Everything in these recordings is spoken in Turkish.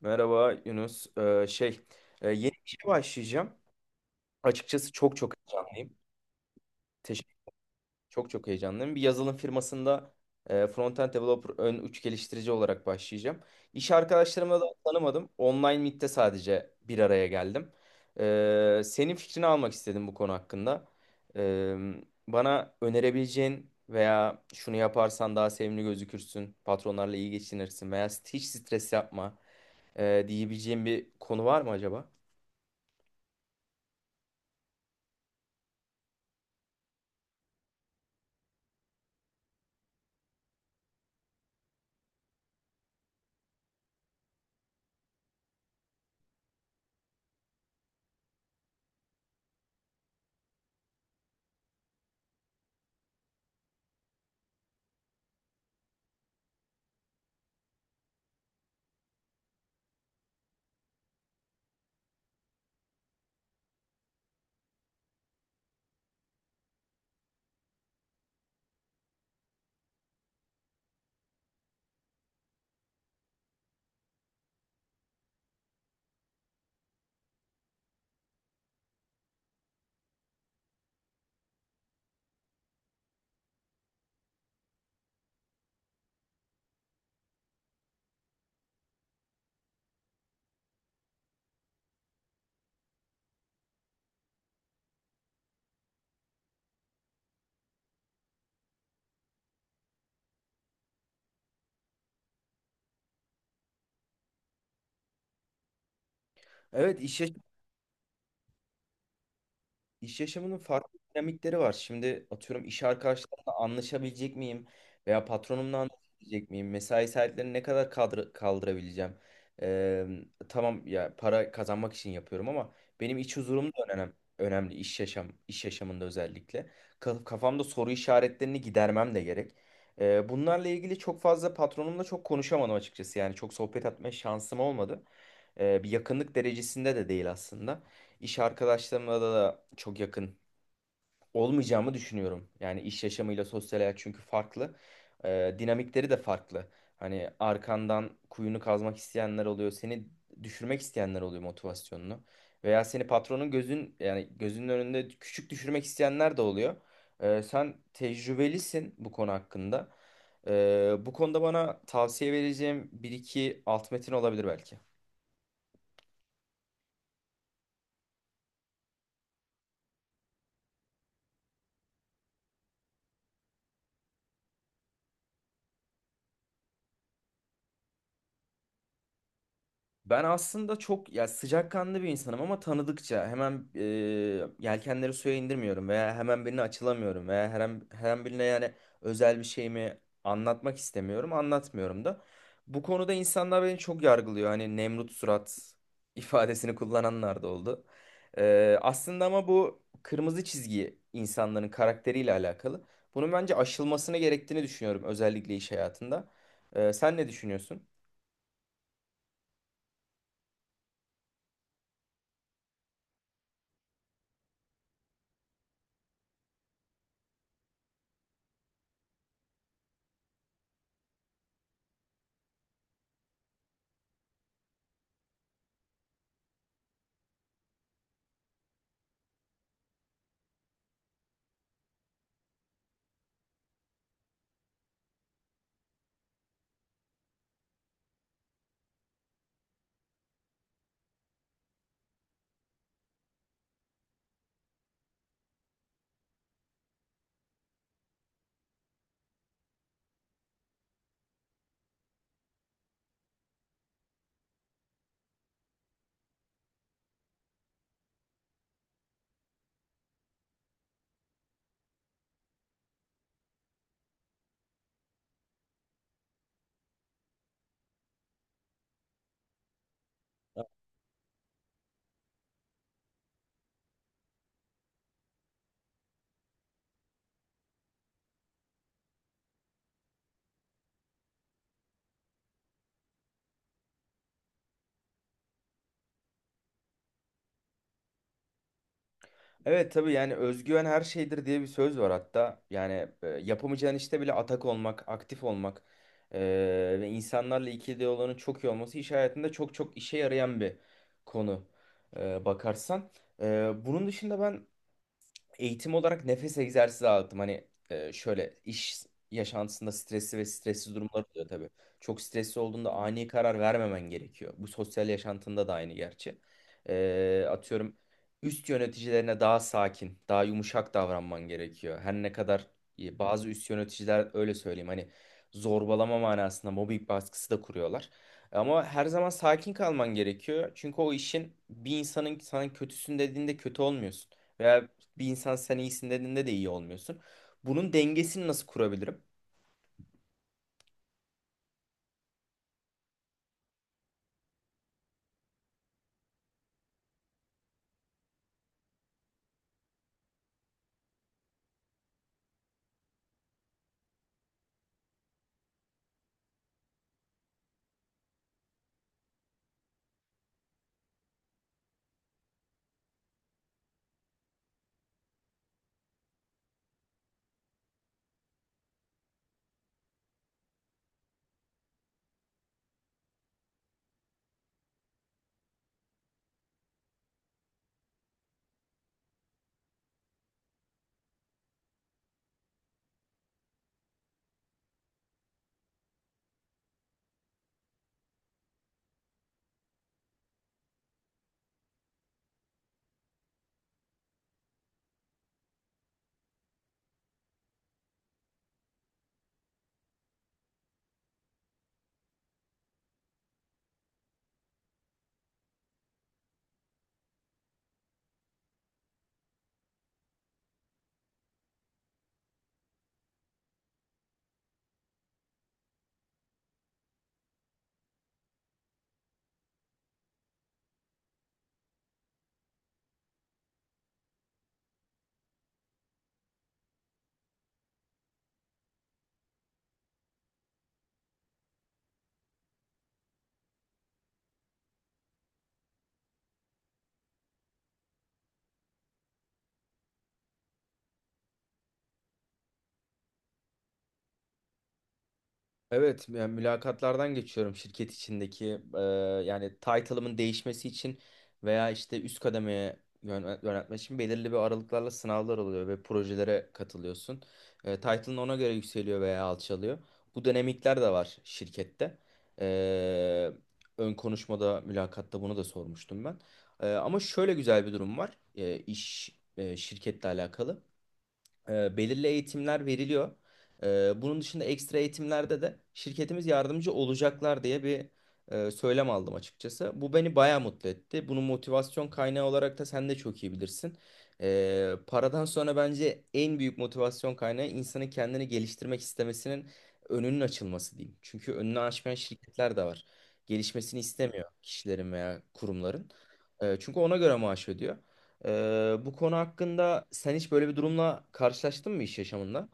Merhaba Yunus. Yeni bir işe başlayacağım. Açıkçası çok çok heyecanlıyım. Teşekkür, çok çok heyecanlıyım. Bir yazılım firmasında end developer, ön uç geliştirici olarak başlayacağım. İş arkadaşlarımla da tanımadım. Online Meet'te sadece bir araya geldim. Senin fikrini almak istedim bu konu hakkında. Ee, Bana önerebileceğin veya şunu yaparsan daha sevimli gözükürsün, patronlarla iyi geçinirsin veya hiç stres yapma diyebileceğin bir konu var mı acaba? Evet, iş yaşamının farklı dinamikleri var. Şimdi atıyorum iş arkadaşlarımla anlaşabilecek miyim? Veya patronumla anlaşabilecek miyim? Mesai saatlerini ne kadar kaldırabileceğim? Ee, tamam ya, para kazanmak için yapıyorum ama benim iç huzurum da önemli. Önemli iş iş yaşamında özellikle. Kafamda soru işaretlerini gidermem de gerek. Bunlarla ilgili çok fazla patronumla çok konuşamadım açıkçası. Yani çok sohbet etme şansım olmadı. Bir yakınlık derecesinde de değil aslında. İş arkadaşlarımla da çok yakın olmayacağımı düşünüyorum. Yani iş yaşamıyla sosyal hayat çünkü farklı. Dinamikleri de farklı. Hani arkandan kuyunu kazmak isteyenler oluyor. Seni düşürmek isteyenler oluyor motivasyonunu. Veya seni patronun gözün yani gözünün önünde küçük düşürmek isteyenler de oluyor. Sen tecrübelisin bu konu hakkında. Bu konuda bana tavsiye vereceğim bir iki alt metin olabilir belki. Ben aslında çok ya sıcakkanlı bir insanım ama tanıdıkça hemen yelkenleri suya indirmiyorum veya hemen birine açılamıyorum veya her an birine yani özel bir şeyimi anlatmak istemiyorum, anlatmıyorum da. Bu konuda insanlar beni çok yargılıyor. Hani Nemrut surat ifadesini kullananlar da oldu. Aslında ama bu kırmızı çizgi insanların karakteriyle alakalı. Bunun bence aşılmasını gerektiğini düşünüyorum özellikle iş hayatında. Sen ne düşünüyorsun? Evet tabii, yani özgüven her şeydir diye bir söz var hatta. Yani yapamayacağın işte bile atak olmak, aktif olmak e, ve insanlarla ikili olanın çok iyi olması iş hayatında çok çok işe yarayan bir konu bakarsan. Bunun dışında ben eğitim olarak nefes egzersizi aldım. Hani şöyle iş yaşantısında stresli ve stressiz durumlar oluyor tabii. Çok stresli olduğunda ani karar vermemen gerekiyor. Bu sosyal yaşantında da aynı gerçi. Atıyorum üst yöneticilerine daha sakin, daha yumuşak davranman gerekiyor. Her ne kadar bazı üst yöneticiler öyle söyleyeyim hani zorbalama manasında mobbing baskısı da kuruyorlar. Ama her zaman sakin kalman gerekiyor. Çünkü o işin bir insanın sana kötüsün dediğinde kötü olmuyorsun. Veya bir insan sen iyisin dediğinde de iyi olmuyorsun. Bunun dengesini nasıl kurabilirim? Evet, yani mülakatlardan geçiyorum şirket içindeki yani title'ımın değişmesi için veya işte üst kademeye yöneltmek için belirli bir aralıklarla sınavlar oluyor ve projelere katılıyorsun. Title'ın ona göre yükseliyor veya alçalıyor. Bu dinamikler de var şirkette. E, Ön konuşmada, mülakatta bunu da sormuştum ben. Ama şöyle güzel bir durum var. İş şirketle alakalı. Belirli eğitimler veriliyor. Bunun dışında ekstra eğitimlerde de şirketimiz yardımcı olacaklar diye bir söylem aldım açıkçası. Bu beni bayağı mutlu etti. Bunun motivasyon kaynağı olarak da sen de çok iyi bilirsin. Paradan sonra bence en büyük motivasyon kaynağı insanın kendini geliştirmek istemesinin önünün açılması diyeyim. Çünkü önünü açmayan şirketler de var. Gelişmesini istemiyor kişilerin veya kurumların. Çünkü ona göre maaş ödüyor. Bu konu hakkında sen hiç böyle bir durumla karşılaştın mı iş yaşamında?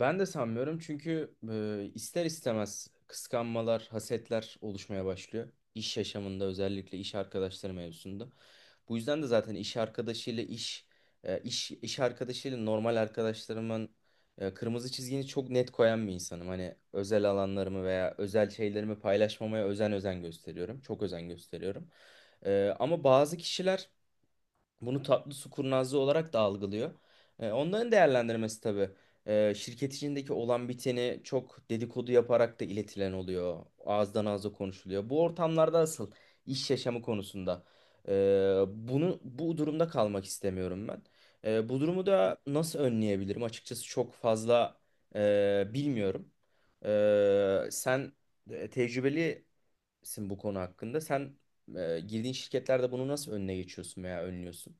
Ben de sanmıyorum çünkü ister istemez kıskanmalar, hasetler oluşmaya başlıyor. İş yaşamında özellikle iş arkadaşları mevzusunda. Bu yüzden de zaten iş arkadaşıyla normal arkadaşlarımın kırmızı çizgini çok net koyan bir insanım. Hani özel alanlarımı veya özel şeylerimi paylaşmamaya özen gösteriyorum. Çok özen gösteriyorum. Ama bazı kişiler bunu tatlı su kurnazlığı olarak da algılıyor. Onların değerlendirmesi tabii. Şirket içindeki olan biteni çok dedikodu yaparak da iletilen oluyor. Ağızdan ağza konuşuluyor. Bu ortamlarda asıl iş yaşamı konusunda. e, Bunu bu durumda kalmak istemiyorum ben. Bu durumu da nasıl önleyebilirim? Açıkçası çok fazla bilmiyorum. Sen tecrübelisin bu konu hakkında. Sen girdiğin şirketlerde bunu nasıl önüne geçiyorsun veya önlüyorsun?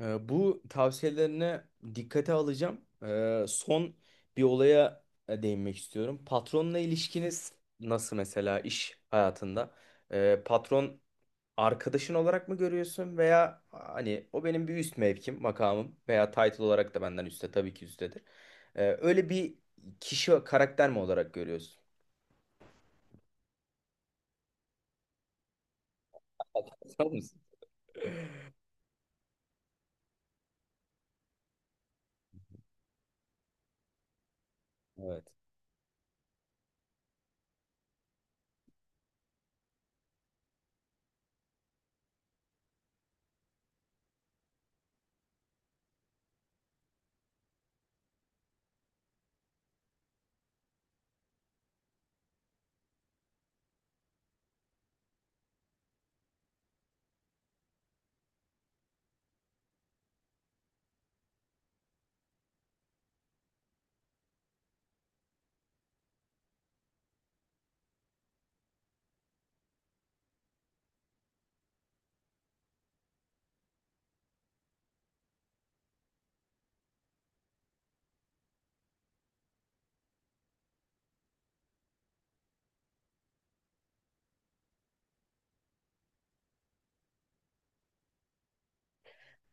Bu tavsiyelerine dikkate alacağım. Son bir olaya değinmek istiyorum. Patronla ilişkiniz nasıl mesela iş hayatında? Patron arkadaşın olarak mı görüyorsun veya hani o benim bir üst mevkim, makamım veya title olarak da benden üstte tabii ki üsttedir. Öyle bir kişi karakter mi olarak görüyorsun? Tamam mısın? Evet.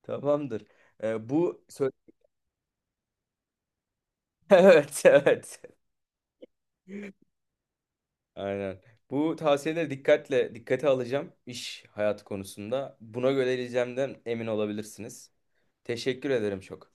Tamamdır. Ee, bu sö- Evet, evet. Aynen. Bu tavsiyeleri dikkatle dikkate alacağım iş hayatı konusunda. Buna göre geleceğimden emin olabilirsiniz. Teşekkür ederim çok.